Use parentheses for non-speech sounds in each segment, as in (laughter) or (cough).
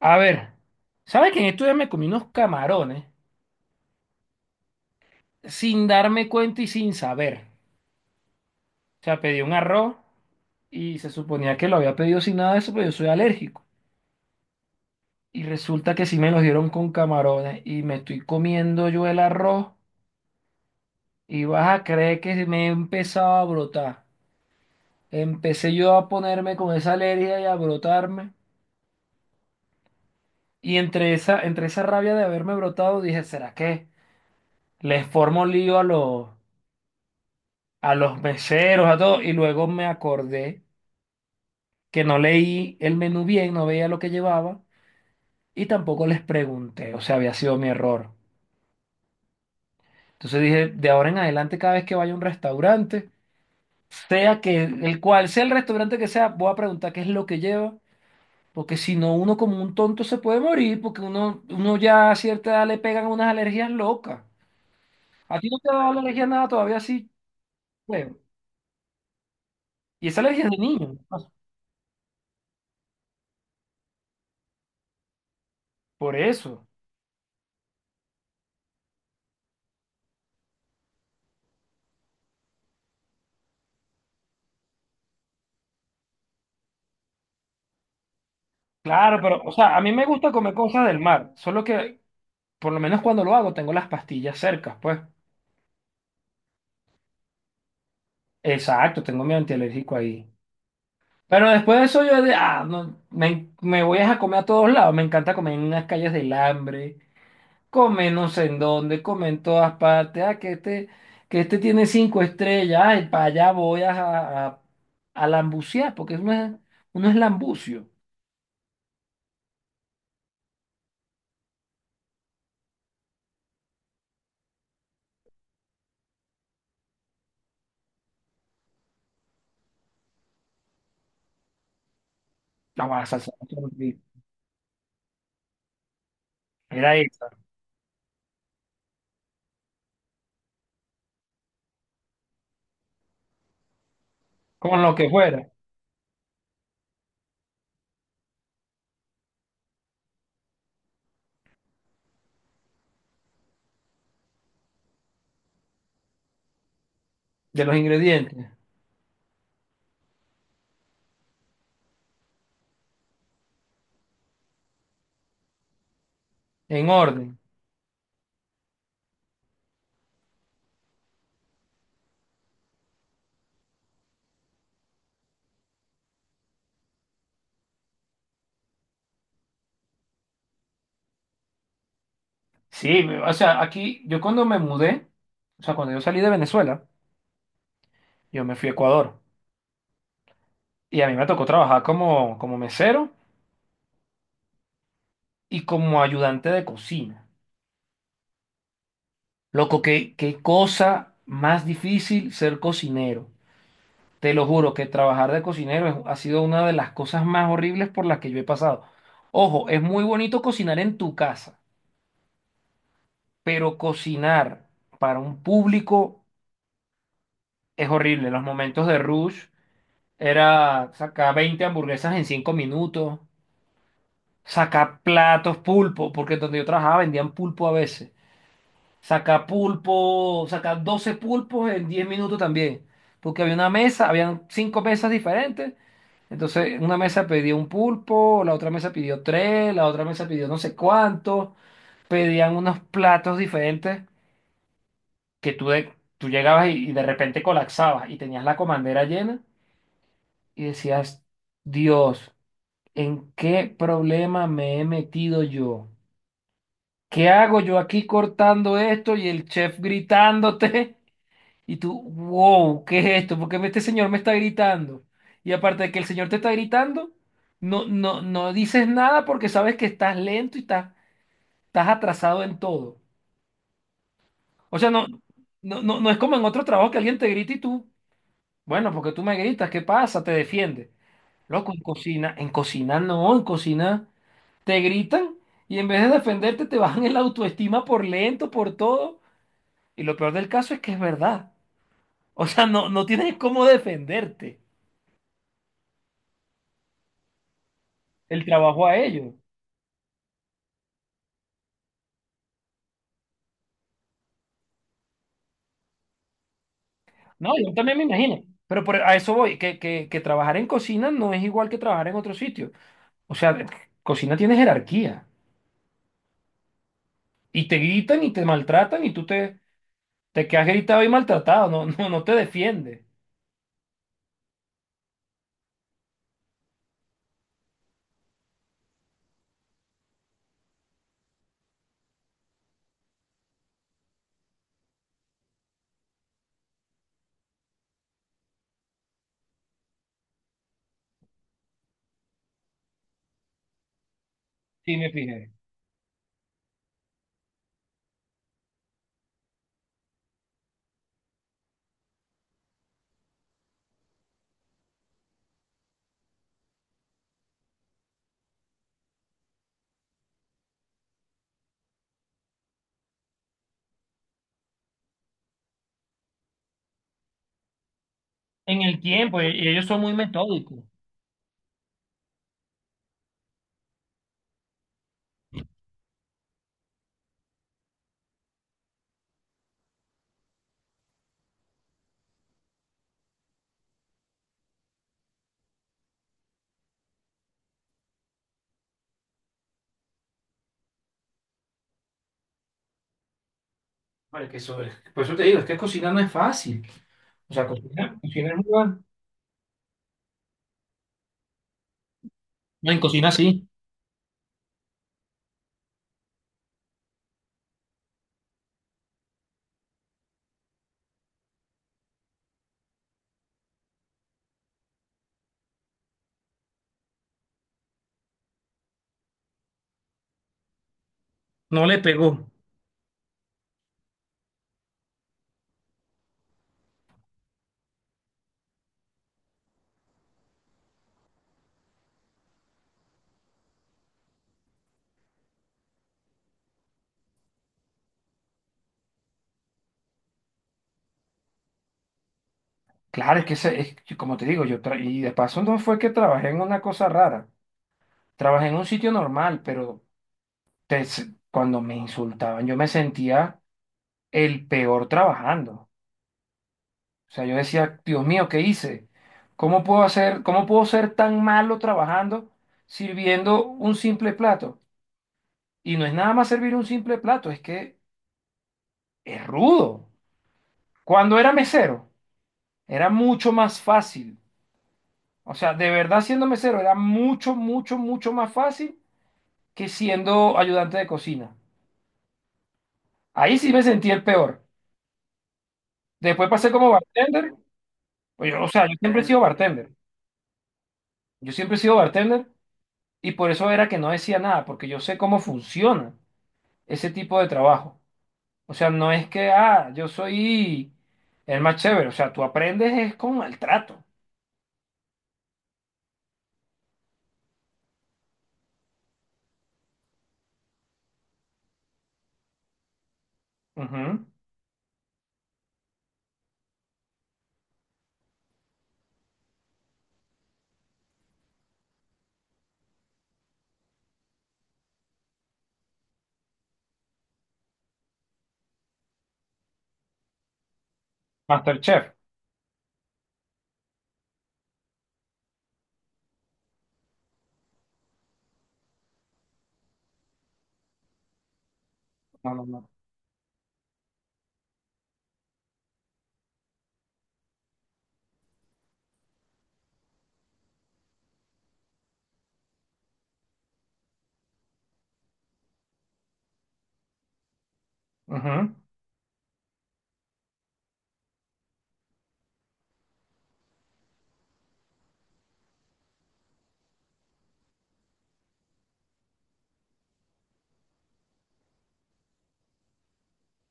A ver, ¿sabes que en estos días me comí unos camarones sin darme cuenta y sin saber? O sea, pedí un arroz y se suponía que lo había pedido sin nada de eso, pero yo soy alérgico. Y resulta que sí me los dieron con camarones y me estoy comiendo yo el arroz y vas a creer que me he empezado a brotar. Empecé yo a ponerme con esa alergia y a brotarme. Y entre esa rabia de haberme brotado dije, ¿será que les formo lío a los meseros, a todo, y luego me acordé que no leí el menú bien, no veía lo que llevaba y tampoco les pregunté, o sea, había sido mi error. Entonces dije, de ahora en adelante, cada vez que vaya a un restaurante, sea que el cual sea el restaurante que sea, voy a preguntar qué es lo que lleva, porque si no, uno como un tonto se puede morir, porque uno ya a cierta edad le pegan unas alergias locas. A ti no te ha dado alergia a nada todavía sí, bueno, y esa alergia es de niño, pues, por eso. Claro, pero, o sea, a mí me gusta comer cosas del mar, solo que por lo menos cuando lo hago tengo las pastillas cerca, pues. Exacto, tengo mi antialérgico ahí. Pero después de eso yo de, ah, no, me voy a comer a todos lados, me encanta comer en las calles del hambre, comer no sé en dónde, comer en todas partes, ah, que este tiene cinco estrellas, ay, para allá voy a lambucear, porque uno es lambucio. La salsa, era esa, con lo que fuera, de los ingredientes. En orden. Sí, o sea, aquí yo cuando me mudé, o sea, cuando yo salí de Venezuela, yo me fui a Ecuador y a mí me tocó trabajar como, como mesero y como ayudante de cocina. Loco, qué cosa más difícil ser cocinero. Te lo juro que trabajar de cocinero ha sido una de las cosas más horribles por las que yo he pasado. Ojo, es muy bonito cocinar en tu casa, pero cocinar para un público es horrible. Los momentos de rush. Era sacar 20 hamburguesas en 5 minutos, sacar platos, pulpo, porque donde yo trabajaba vendían pulpo a veces. Sacar pulpo, sacar 12 pulpos en 10 minutos también, porque había una mesa, habían 5 mesas diferentes. Entonces, una mesa pedía un pulpo, la otra mesa pidió tres, la otra mesa pidió no sé cuánto, pedían unos platos diferentes que tú, tú llegabas y de repente colapsabas y tenías la comandera llena y decías, Dios. ¿En qué problema me he metido yo? ¿Qué hago yo aquí cortando esto y el chef gritándote? (laughs) Y tú, wow, ¿qué es esto? ¿Por qué este señor me está gritando? Y aparte de que el señor te está gritando, no, no, dices nada porque sabes que estás lento y estás, estás atrasado en todo. O sea, no, no, no, no es como en otro trabajo que alguien te grita y tú, bueno, porque tú me gritas, ¿qué pasa? Te defiendes. Loco, en cocina no, en cocina. Te gritan y en vez de defenderte te bajan el autoestima por lento, por todo. Y lo peor del caso es que es verdad. O sea, no, tienes cómo defenderte el trabajo a ellos. No, yo también me imagino. A eso voy, que trabajar en cocina no es igual que trabajar en otro sitio. O sea, cocina tiene jerarquía. Y te gritan y te maltratan y tú te quedas gritado y maltratado. No, no, no te defiendes. Sí, me fijé. En el tiempo, y ellos son muy metódicos. Vale, que por eso te digo, es que cocinar no es fácil. O sea, cocina es no, en cocina sí, no le pegó. Claro, es que es que, como te digo, yo y de paso no fue que trabajé en una cosa rara, trabajé en un sitio normal, pero cuando me insultaban yo me sentía el peor trabajando. O sea, yo decía, Dios mío, ¿qué hice? ¿Cómo puedo hacer, cómo puedo ser tan malo trabajando sirviendo un simple plato? Y no es nada más servir un simple plato, es que es rudo. Cuando era mesero, era mucho más fácil. O sea, de verdad siendo mesero era mucho, mucho, mucho más fácil que siendo ayudante de cocina. Ahí sí me sentí el peor. Después pasé como bartender. Pues o sea, yo siempre he sido bartender. Yo siempre he sido bartender y por eso era que no decía nada, porque yo sé cómo funciona ese tipo de trabajo. O sea, no es que, ah, yo soy el más chévere. O sea, tú aprendes es con maltrato. Ujú. Masterchef. No, no, no. Ujú.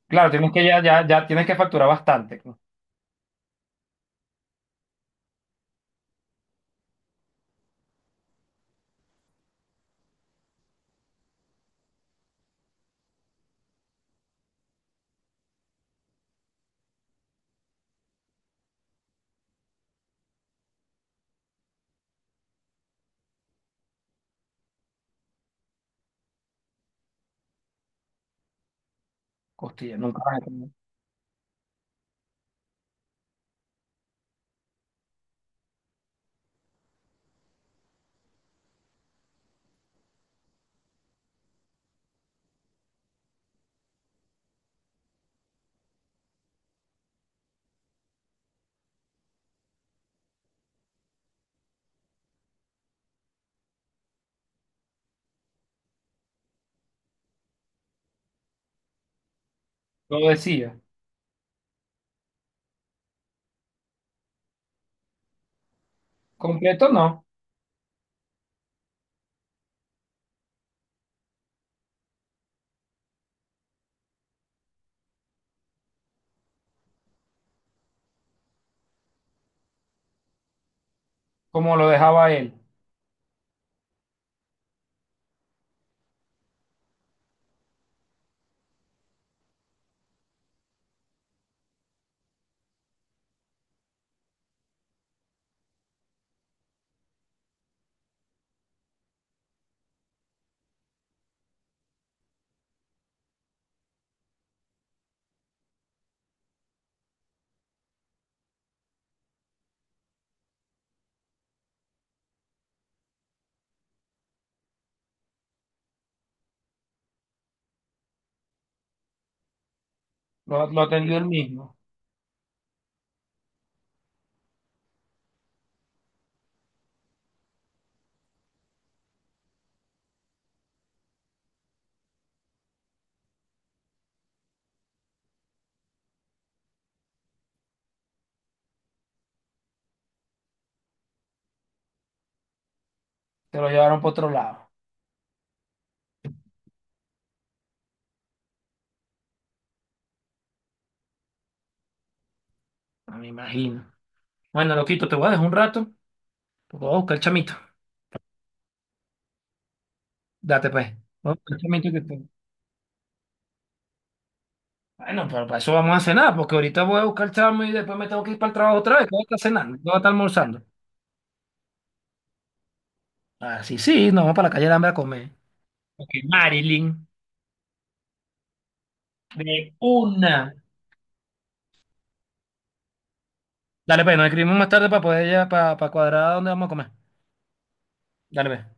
Claro, tienes que ya, ya, ya tienes que facturar bastante, ¿no? Costilla, nunca vas a lo decía. Completo no, como lo dejaba él. Lo atendió él mismo. Se lo llevaron por otro lado. Ah, me imagino. Bueno, loquito, te voy a dejar un rato, porque voy a buscar el chamito. Date pues. Voy a buscar el chamito bueno, pero para eso vamos a cenar, porque ahorita voy a buscar el chamo y después me tengo que ir para el trabajo otra vez. Voy a estar cenando, voy a estar almorzando. Ah, sí, sí, nos vamos para la calle de hambre a comer. Ok, Marilyn, de una. Dale, pues, nos escribimos más tarde para poder ya, para cuadrar dónde vamos a comer. Dale, pues.